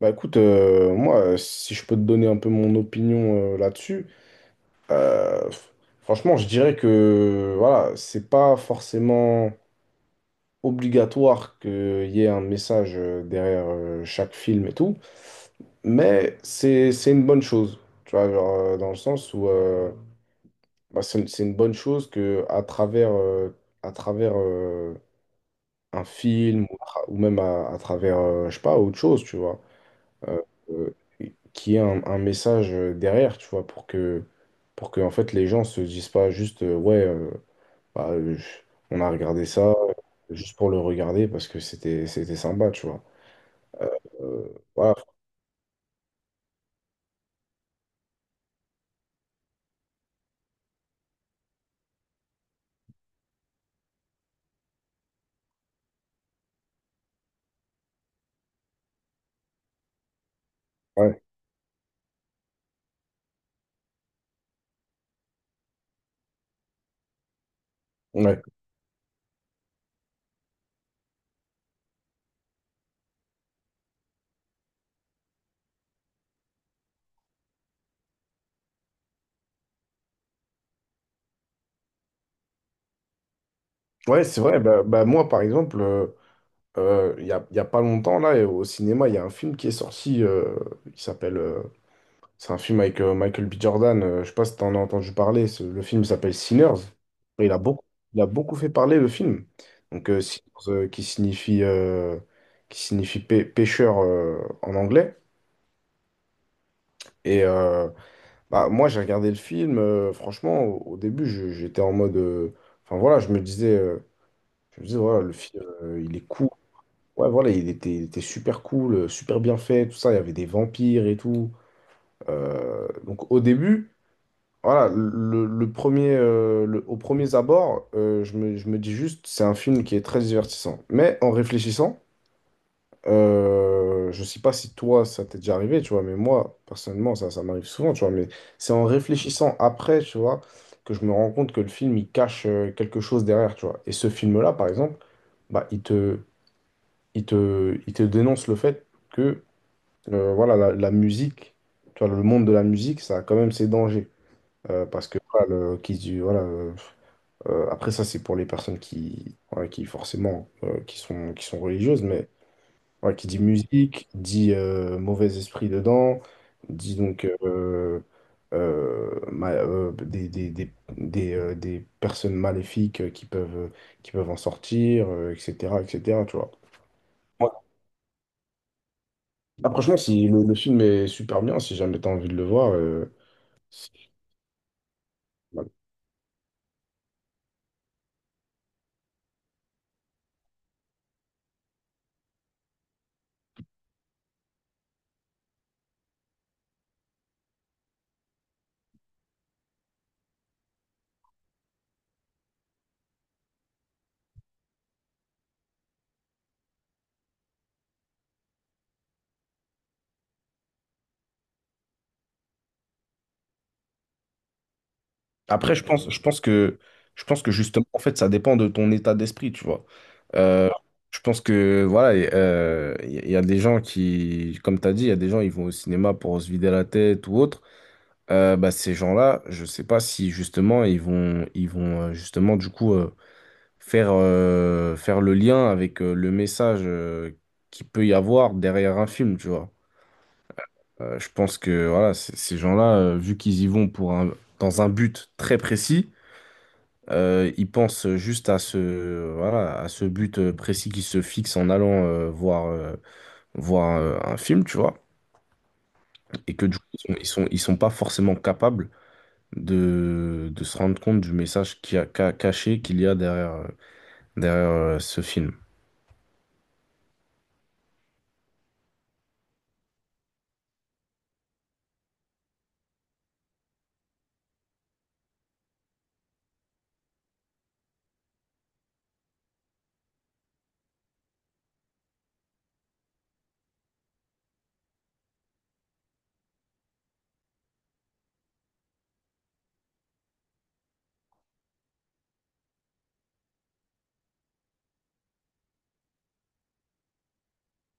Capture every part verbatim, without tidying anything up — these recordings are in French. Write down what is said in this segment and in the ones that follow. Bah écoute, euh, moi, euh, si je peux te donner un peu mon opinion euh, là-dessus, euh, f- franchement, je dirais que voilà, c'est pas forcément obligatoire qu'il y ait un message euh, derrière euh, chaque film et tout, mais c'est c'est une bonne chose, tu vois, genre, euh, dans le sens où euh, bah, c'est c'est une bonne chose que à travers euh, à travers euh, un film ou, tra- ou même à, à travers euh, je sais pas autre chose, tu vois. euh, euh, Qu'il y ait un, un message euh, derrière, tu vois, pour que, pour que en fait, les gens se disent pas juste, euh, ouais, euh, bah, euh, je- on a regardé ça juste pour le regarder parce que c'était, c'était sympa, tu vois. Euh, voilà, ouais, ouais. Ouais, c'est vrai, bah, bah, moi, par exemple, euh, euh, il y a, il y a pas longtemps, là, au cinéma, il y a un film qui est sorti euh, qui s'appelle... euh, c'est un film avec euh, Michael B. Jordan. Euh, je sais pas si t'en as entendu parler. ce- Le film s'appelle Sinners. Et il a beaucoup, il a beaucoup fait parler le film. Donc, euh, Sinners, euh, qui signifie, euh, qui signifie pê- pêcheur euh, en anglais. Et euh, bah, moi, j'ai regardé le film. Euh, franchement, au, au début, je- j'étais en mode. euh, Enfin, voilà, je me disais, euh, je me disais, voilà, le film, euh, il est cool. Ouais, voilà, il était, il était super cool, euh, super bien fait, tout ça. Il y avait des vampires et tout. Euh, donc, au début. Voilà, le, le premier, euh, le- au premier abord, euh, je me, je me dis juste, c'est un film qui est très divertissant. Mais en réfléchissant, euh, je sais pas si toi, ça t'est déjà arrivé, tu vois, mais moi, personnellement, ça, ça m'arrive souvent, tu vois, mais c'est en réfléchissant après, tu vois, que je me rends compte que le film, il cache euh, quelque chose derrière, tu vois. Et ce film-là, par exemple, bah, il te, il te, il te dénonce le fait que, euh, voilà, la, la musique, tu vois, le monde de la musique, ça a quand même ses dangers. Euh, parce que voilà, le, qui se dit, voilà, euh, euh, après ça c'est pour les personnes qui, voilà, qui forcément euh, qui sont, qui sont religieuses, mais voilà, qui dit musique, dit euh, mauvais esprit dedans, dit donc euh, euh, ma- euh, des, des, des, des, euh, des personnes maléfiques euh, qui peuvent, qui peuvent en sortir, euh, et cætera, et cætera, tu vois. Ouais. Ah, franchement, si le, le film est super bien, si jamais t'as envie de le voir, euh, si, Après, je pense, je pense que, je pense que justement, en fait, ça dépend de ton état d'esprit, tu vois. Euh, je pense que, voilà, et, euh, il y, a des gens qui, comme tu as dit, il y a des gens, ils vont au cinéma pour se vider la tête ou autre. Euh, bah, ces gens-là, je sais pas si justement, ils vont, ils vont euh, justement, du coup, euh, faire, euh, faire le lien avec euh, le message euh, qu'il peut y avoir derrière un film, tu vois. Euh, je pense que, voilà, c- ces gens-là, euh, vu qu'ils y vont pour un, dans un but très précis, euh, il pense juste à ce, voilà, à ce but euh, précis qu'il se fixe en allant euh, voir, euh, voir euh, un film, tu vois, et que du coup, ils sont, ils sont, ils sont pas forcément capables de, de se rendre compte du message qui a, ca- caché qu'il y a derrière, euh, derrière euh, ce film.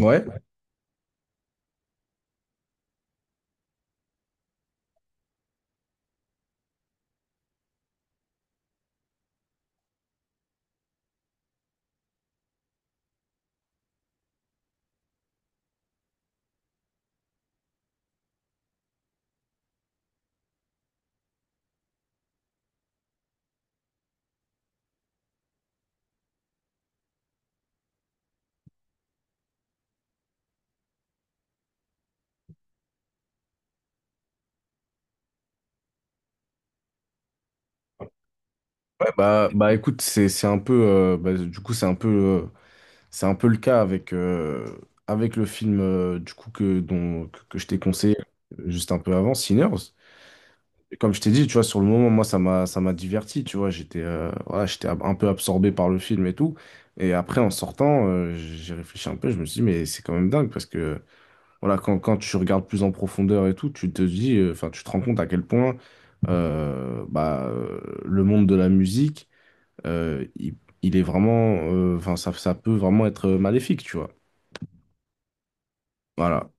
Ouais, ouais, bah, bah écoute, c'est, c'est un peu, euh, bah, du coup, c'est un peu, euh, c'est un peu le cas avec, euh, avec le film, euh, du coup, que, dont, que, que je t'ai conseillé juste un peu avant, Sinners. Et comme je t'ai dit, tu vois, sur le moment, moi, ça m'a, ça m'a diverti, tu vois. J'étais euh, voilà, j'étais ab- un peu absorbé par le film et tout. Et après, en sortant, euh, j'ai réfléchi un peu. Je me suis dit, mais c'est quand même dingue parce que, voilà, quand, quand tu regardes plus en profondeur et tout, tu te dis, euh, enfin, tu te rends compte à quel point euh, bah, euh, le monde de la musique, euh, il, il est vraiment, euh, enfin, ça, ça peut vraiment être maléfique, tu vois. Voilà.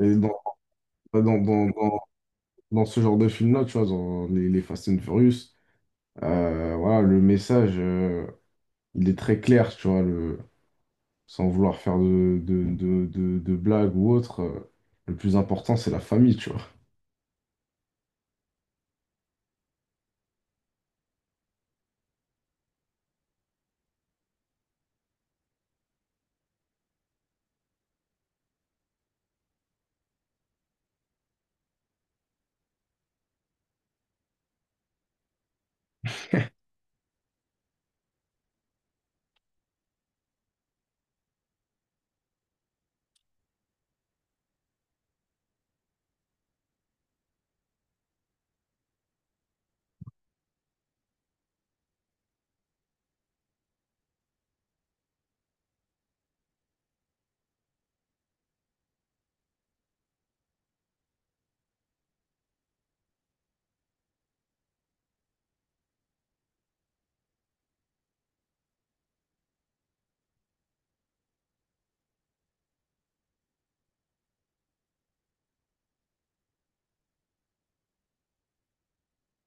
Et dans, dans, dans, dans, dans ce genre de film-là, tu vois, dans les, les Fast and Furious, Euh, voilà, le message, euh, il est très clair, tu vois, le, sans vouloir faire de, de, de, de, de blagues ou autre. Euh, le plus important, c'est la famille, tu vois.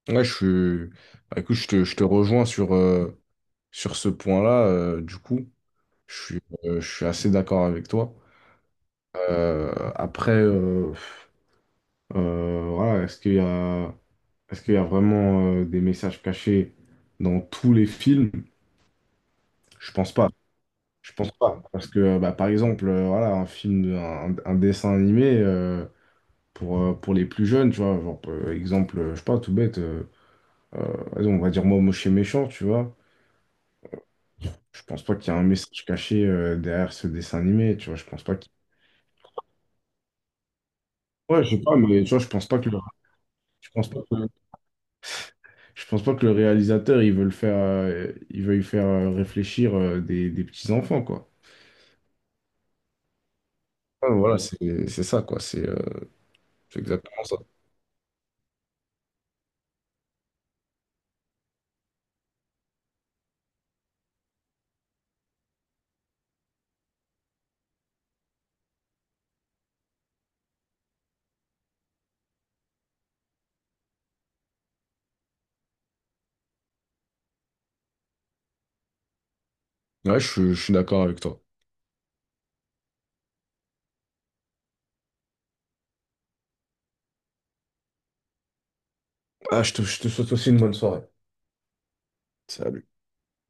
Ouais, je suis. Bah, écoute, je te, je te rejoins sur, euh, sur ce point-là. Euh, du coup, je suis, euh, je suis assez d'accord avec toi. Euh, après, euh, euh, voilà, est-ce qu'il y a, est-ce qu'il y a vraiment euh, des messages cachés dans tous les films? Je pense pas. Je pense pas, parce que euh, bah, par exemple, euh, voilà, un film, de- un, un dessin animé euh, pour, euh, pour les plus jeunes, tu vois, genre, euh, exemple, euh, je sais pas, tout bête, euh, euh, vas-y, on va dire moi, moche et méchant, tu vois. Je pense pas qu'il y a un message caché euh, derrière ce dessin animé, tu vois. Je pense pas qu'il... Ouais, je sais pas, mais tu vois, je pense pas que le... je pense pas que je pense pas que le réalisateur, il veut le faire, euh, il veuille faire euh, réfléchir euh, des, des petits enfants, quoi. Ouais, voilà, c'est c'est ça, quoi. C'est euh, c'est exactement ça. Ouais, je, je suis d'accord avec toi. Ah, je te, je te souhaite aussi une bonne soirée. Salut.